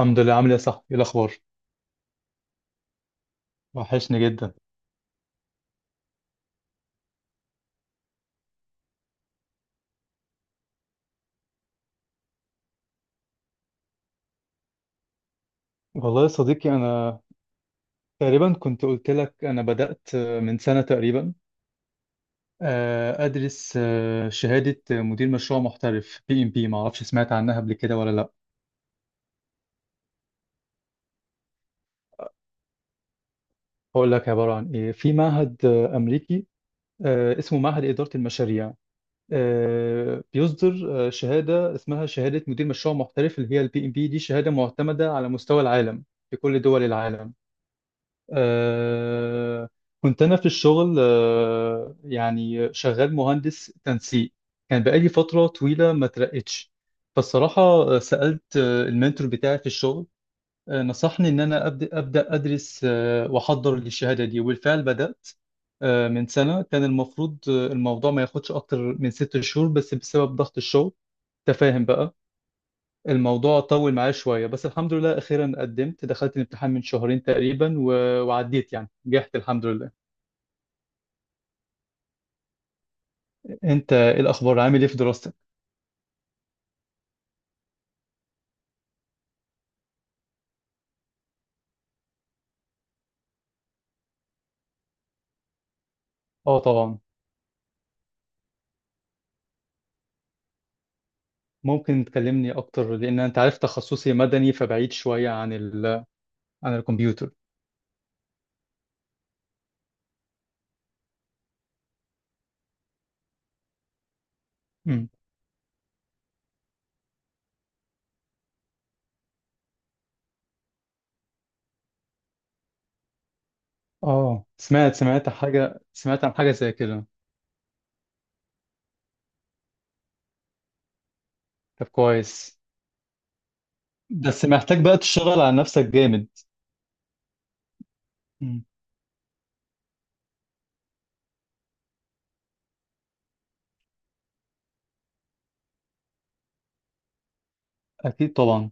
الحمد لله، عامل ايه يا صاحبي؟ ايه الاخبار؟ وحشني جدا. والله يا صديقي، انا تقريبا كنت قلت لك انا بدأت من سنة تقريبا، ادرس شهادة مدير مشروع محترف PMP. ما اعرفش سمعت عنها قبل كده ولا لا؟ هقول لك عبارة عن ايه. في معهد امريكي، اسمه معهد إدارة المشاريع. بيصدر شهادة اسمها شهادة مدير مشروع محترف، اللي هي الPMP دي. شهادة معتمدة على مستوى العالم، في كل دول العالم. آه كنت أنا في الشغل، يعني شغال مهندس تنسيق. كان بقالي فترة طويلة ما ترقتش، فالصراحة سألت المنتور بتاعي في الشغل. نصحني إن أنا أبدأ أدرس وأحضر للشهادة دي، وبالفعل بدأت من سنة. كان المفروض الموضوع ما ياخدش أكتر من 6 شهور، بس بسبب ضغط الشغل، تفاهم بقى. الموضوع طول معايا شوية، بس الحمد لله أخيرا قدمت، دخلت الامتحان من شهرين تقريبا وعديت، يعني نجحت الحمد لله. أنت إيه الأخبار؟ عامل إيه في دراستك؟ طبعا. ممكن تكلمني أكتر، لأن أنت عارف تخصصي مدني، فبعيد شوية عن عن الكمبيوتر. مم. سمعت حاجة، سمعت عن حاجة زي كده. طب كويس. بس محتاج بقى تشتغل على نفسك جامد. مم. أكيد طبعا.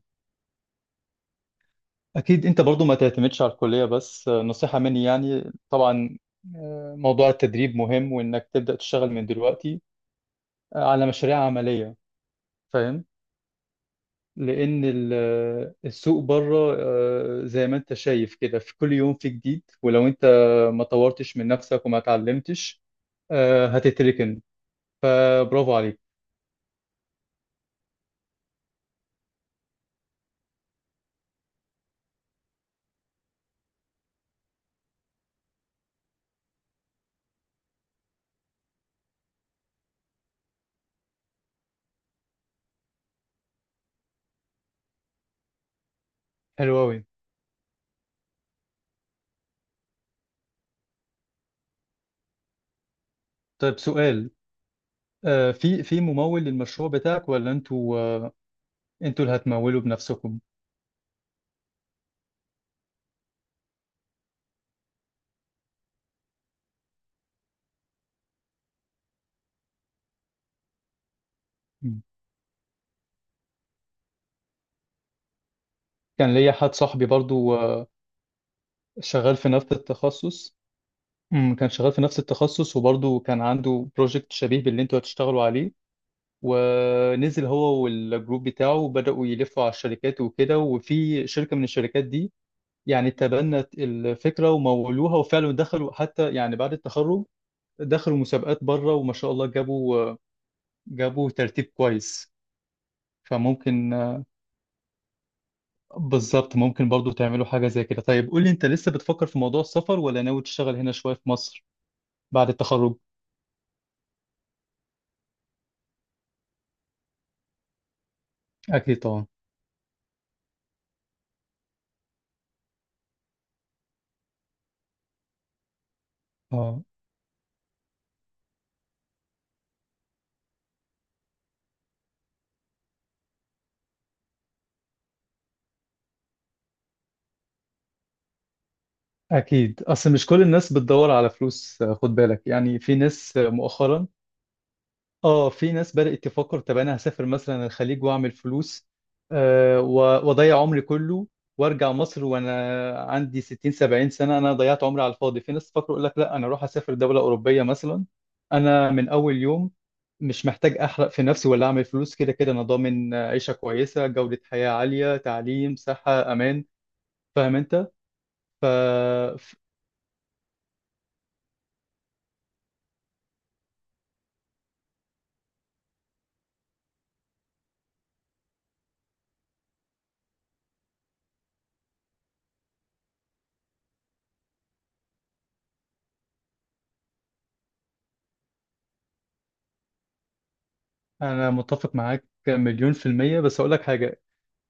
أكيد أنت برضو ما تعتمدش على الكلية، بس نصيحة مني يعني طبعا، موضوع التدريب مهم، وإنك تبدأ تشتغل من دلوقتي على مشاريع عملية. فاهم؟ لأن السوق بره، زي ما أنت شايف كده، في كل يوم في جديد. ولو أنت ما طورتش من نفسك وما اتعلمتش، هتتركن. فبرافو عليك. حلو أوي. طيب سؤال، في ممول للمشروع بتاعك، ولا أنتوا اللي هتمولوا بنفسكم؟ كان ليا حد صاحبي برضو شغال في نفس التخصص. كان شغال في نفس التخصص، وبرضه كان عنده بروجكت شبيه باللي انتوا هتشتغلوا عليه، ونزل هو والجروب بتاعه وبدأوا يلفوا على الشركات وكده. وفي شركة من الشركات دي يعني تبنت الفكرة ومولوها، وفعلا دخلوا، حتى يعني بعد التخرج دخلوا مسابقات بره، وما شاء الله جابوا ترتيب كويس. فممكن، بالظبط، ممكن برضو تعملوا حاجة زي كده. طيب قول لي، انت لسه بتفكر في موضوع السفر، ولا ناوي تشتغل هنا شوية في مصر بعد التخرج؟ أكيد طبعا. اه، أكيد. أصل مش كل الناس بتدور على فلوس، خد بالك، يعني في ناس مؤخرا، اه، في ناس بدأت تفكر طب أنا هسافر مثلا الخليج وأعمل فلوس آه، و- وأضيع عمري كله، وأرجع مصر وأنا عندي 60 70 سنة، أنا ضيعت عمري على الفاضي. في ناس تفكر يقول لك لا، أنا أروح أسافر دولة أوروبية مثلا، أنا من أول يوم مش محتاج أحرق في نفسي ولا أعمل فلوس، كده كده أنا ضامن عيشة كويسة، جودة حياة عالية، تعليم، صحة، أمان. فاهم أنت؟ ف... أنا متفق معاك مليون في المية، بس أقول لك حاجة.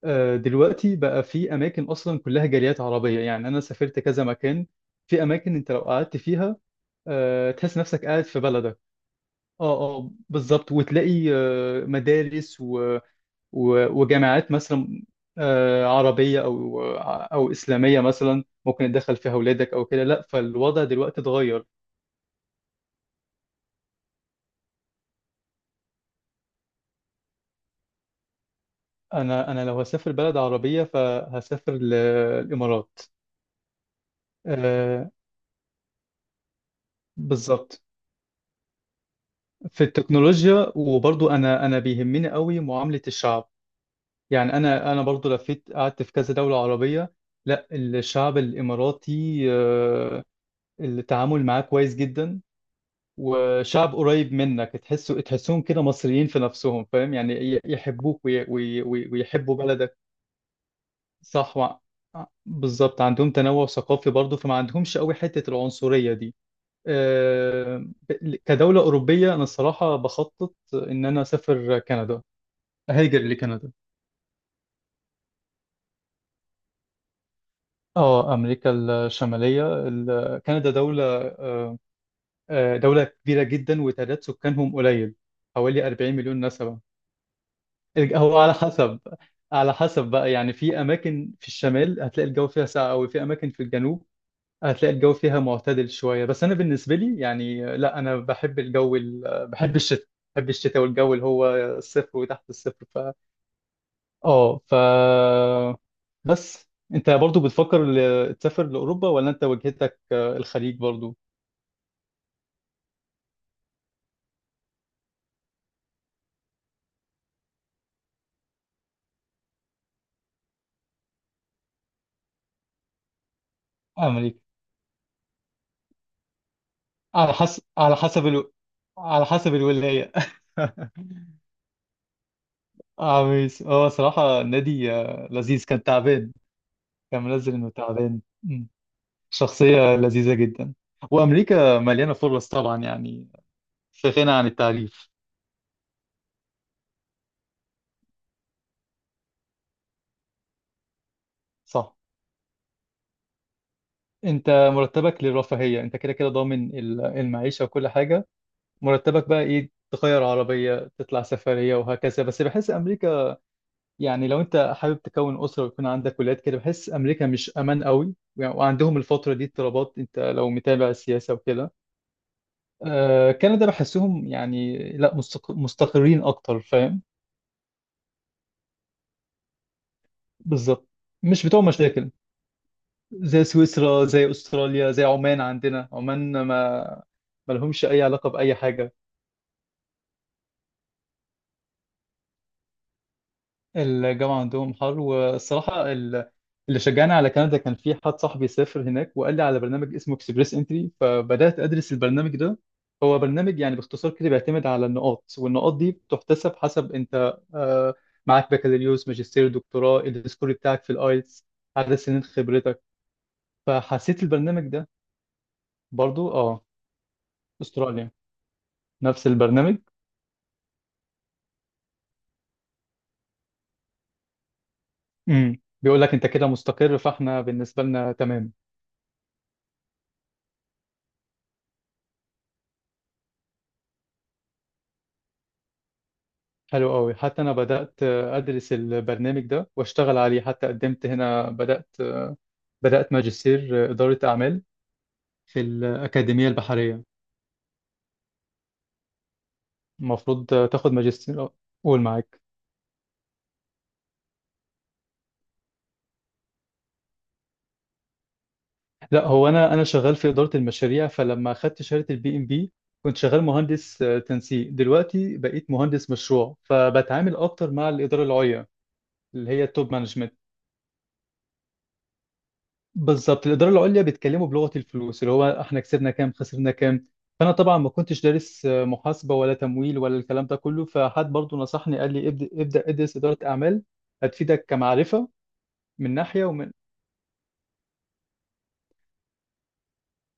دلوقتي بقى في أماكن أصلا كلها جاليات عربية، يعني أنا سافرت كذا مكان، في أماكن أنت لو قعدت فيها تحس نفسك قاعد في بلدك. أه أه، بالظبط. وتلاقي مدارس وجامعات مثلا عربية أو إسلامية مثلا، ممكن تدخل فيها أولادك أو كده. لا، فالوضع دلوقتي اتغير. أنا لو هسافر بلد عربية فهسافر للإمارات. آه، بالظبط، في التكنولوجيا، وبرضو انا بيهمني قوي معاملة الشعب. يعني انا برضو لفيت، قعدت في كذا دولة عربية. لا، الشعب الاماراتي التعامل معاه كويس جدا، وشعب قريب منك، تحسهم كده مصريين في نفسهم، فاهم يعني، يحبوك، وي وي وي ويحبوا بلدك. صح وع- بالظبط، عندهم تنوع ثقافي برضو، فما عندهمش قوي حتة العنصرية دي. آه، كدولة أوروبية، أنا الصراحة بخطط إن أنا أسافر كندا. هيجر لكندا. اه، امريكا الشماليه. كندا دوله دوله كبيره جدا، وتعداد سكانهم قليل، حوالي 40 مليون نسمه. هو على حسب، على حسب بقى يعني. في اماكن في الشمال هتلاقي الجو فيها ساقع قوي، في اماكن في الجنوب هتلاقي الجو فيها معتدل شويه. بس انا بالنسبه لي يعني لا، انا بحب الجو ال- آه، بحب الشتاء، بحب الشتاء والجو اللي هو الصفر وتحت الصفر. اه، بس، انت برضو بتفكر تسافر لاوروبا، ولا انت وجهتك الخليج برضو؟ امريكا، على حسب، على حسب على حسب الولايه. عميس هو صراحه نادي لذيذ، كان تعبان، كان منزل انه تعبان. مم. شخصيه لذيذه جدا. وامريكا مليانه فرص طبعا يعني، في غنى عن التعريف. صح. انت مرتبك للرفاهيه، انت كده كده ضامن المعيشه وكل حاجه. مرتبك بقى ايه؟ تغير عربية، تطلع سفرية، وهكذا. بس بحس أمريكا، يعني لو أنت حابب تكون أسرة ويكون عندك ولاد كده، بحس أمريكا مش أمان قوي يعني، وعندهم الفترة دي اضطرابات، أنت لو متابع السياسة وكده. كندا بحسهم يعني لا، مستقرين أكتر، فاهم؟ بالظبط، مش بتوع مشاكل، زي سويسرا، زي أستراليا، زي عمان. عندنا عمان ما ما لهمش أي علاقة بأي حاجة. الجامعة عندهم حر، والصراحة اللي شجعني على كندا، كان في حد صاحبي سافر هناك وقال لي على برنامج اسمه اكسبريس انتري، فبدأت أدرس البرنامج ده. هو برنامج يعني باختصار كده، بيعتمد على النقاط، والنقاط دي بتحتسب حسب أنت معاك بكالوريوس، ماجستير، دكتوراه، السكور بتاعك في الآيلتس، عدد سنين خبرتك. فحسيت البرنامج ده، برضو اه، استراليا نفس البرنامج. بيقول لك أنت كده مستقر، فاحنا بالنسبة لنا تمام. حلو قوي، حتى انا بدات ادرس البرنامج ده واشتغل عليه، حتى قدمت هنا، بدات ماجستير اداره اعمال في الاكاديميه البحريه. المفروض تاخد ماجستير، قول معاك. لا، هو انا شغال في اداره المشاريع، فلما اخدت شهاده الPMP كنت شغال مهندس تنسيق، دلوقتي بقيت مهندس مشروع، فبتعامل اكتر مع الاداره العليا اللي هي التوب مانجمنت. بالظبط، الاداره العليا بيتكلموا بلغه الفلوس، اللي هو احنا كسبنا كام خسرنا كام. فانا طبعا ما كنتش دارس محاسبه ولا تمويل ولا الكلام ده كله، فحد برضو نصحني قال لي ابدا، ابدا ادرس اداره اعمال هتفيدك كمعرفه. من ناحيه. ومن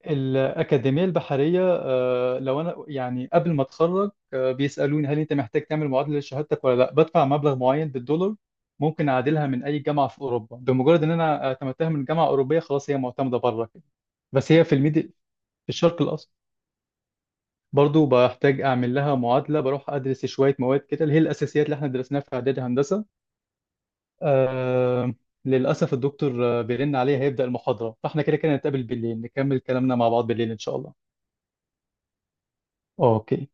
الاكاديميه البحريه لو انا يعني قبل ما اتخرج بيسالوني هل انت محتاج تعمل معادله لشهادتك ولا لا، بدفع مبلغ معين بالدولار ممكن اعادلها من اي جامعه في اوروبا، بمجرد ان انا اعتمدتها من جامعه اوروبيه خلاص، هي معتمده بره كده. بس هي في في الشرق الاوسط، برضو بحتاج اعمل لها معادله، بروح ادرس شويه مواد كده اللي هي الاساسيات اللي احنا درسناها في اعدادي هندسه. آه للاسف الدكتور بيرن عليا، هيبدا المحاضره، فاحنا كده كده نتقابل بالليل، نكمل كلامنا مع بعض بالليل ان شاء الله. اوكي.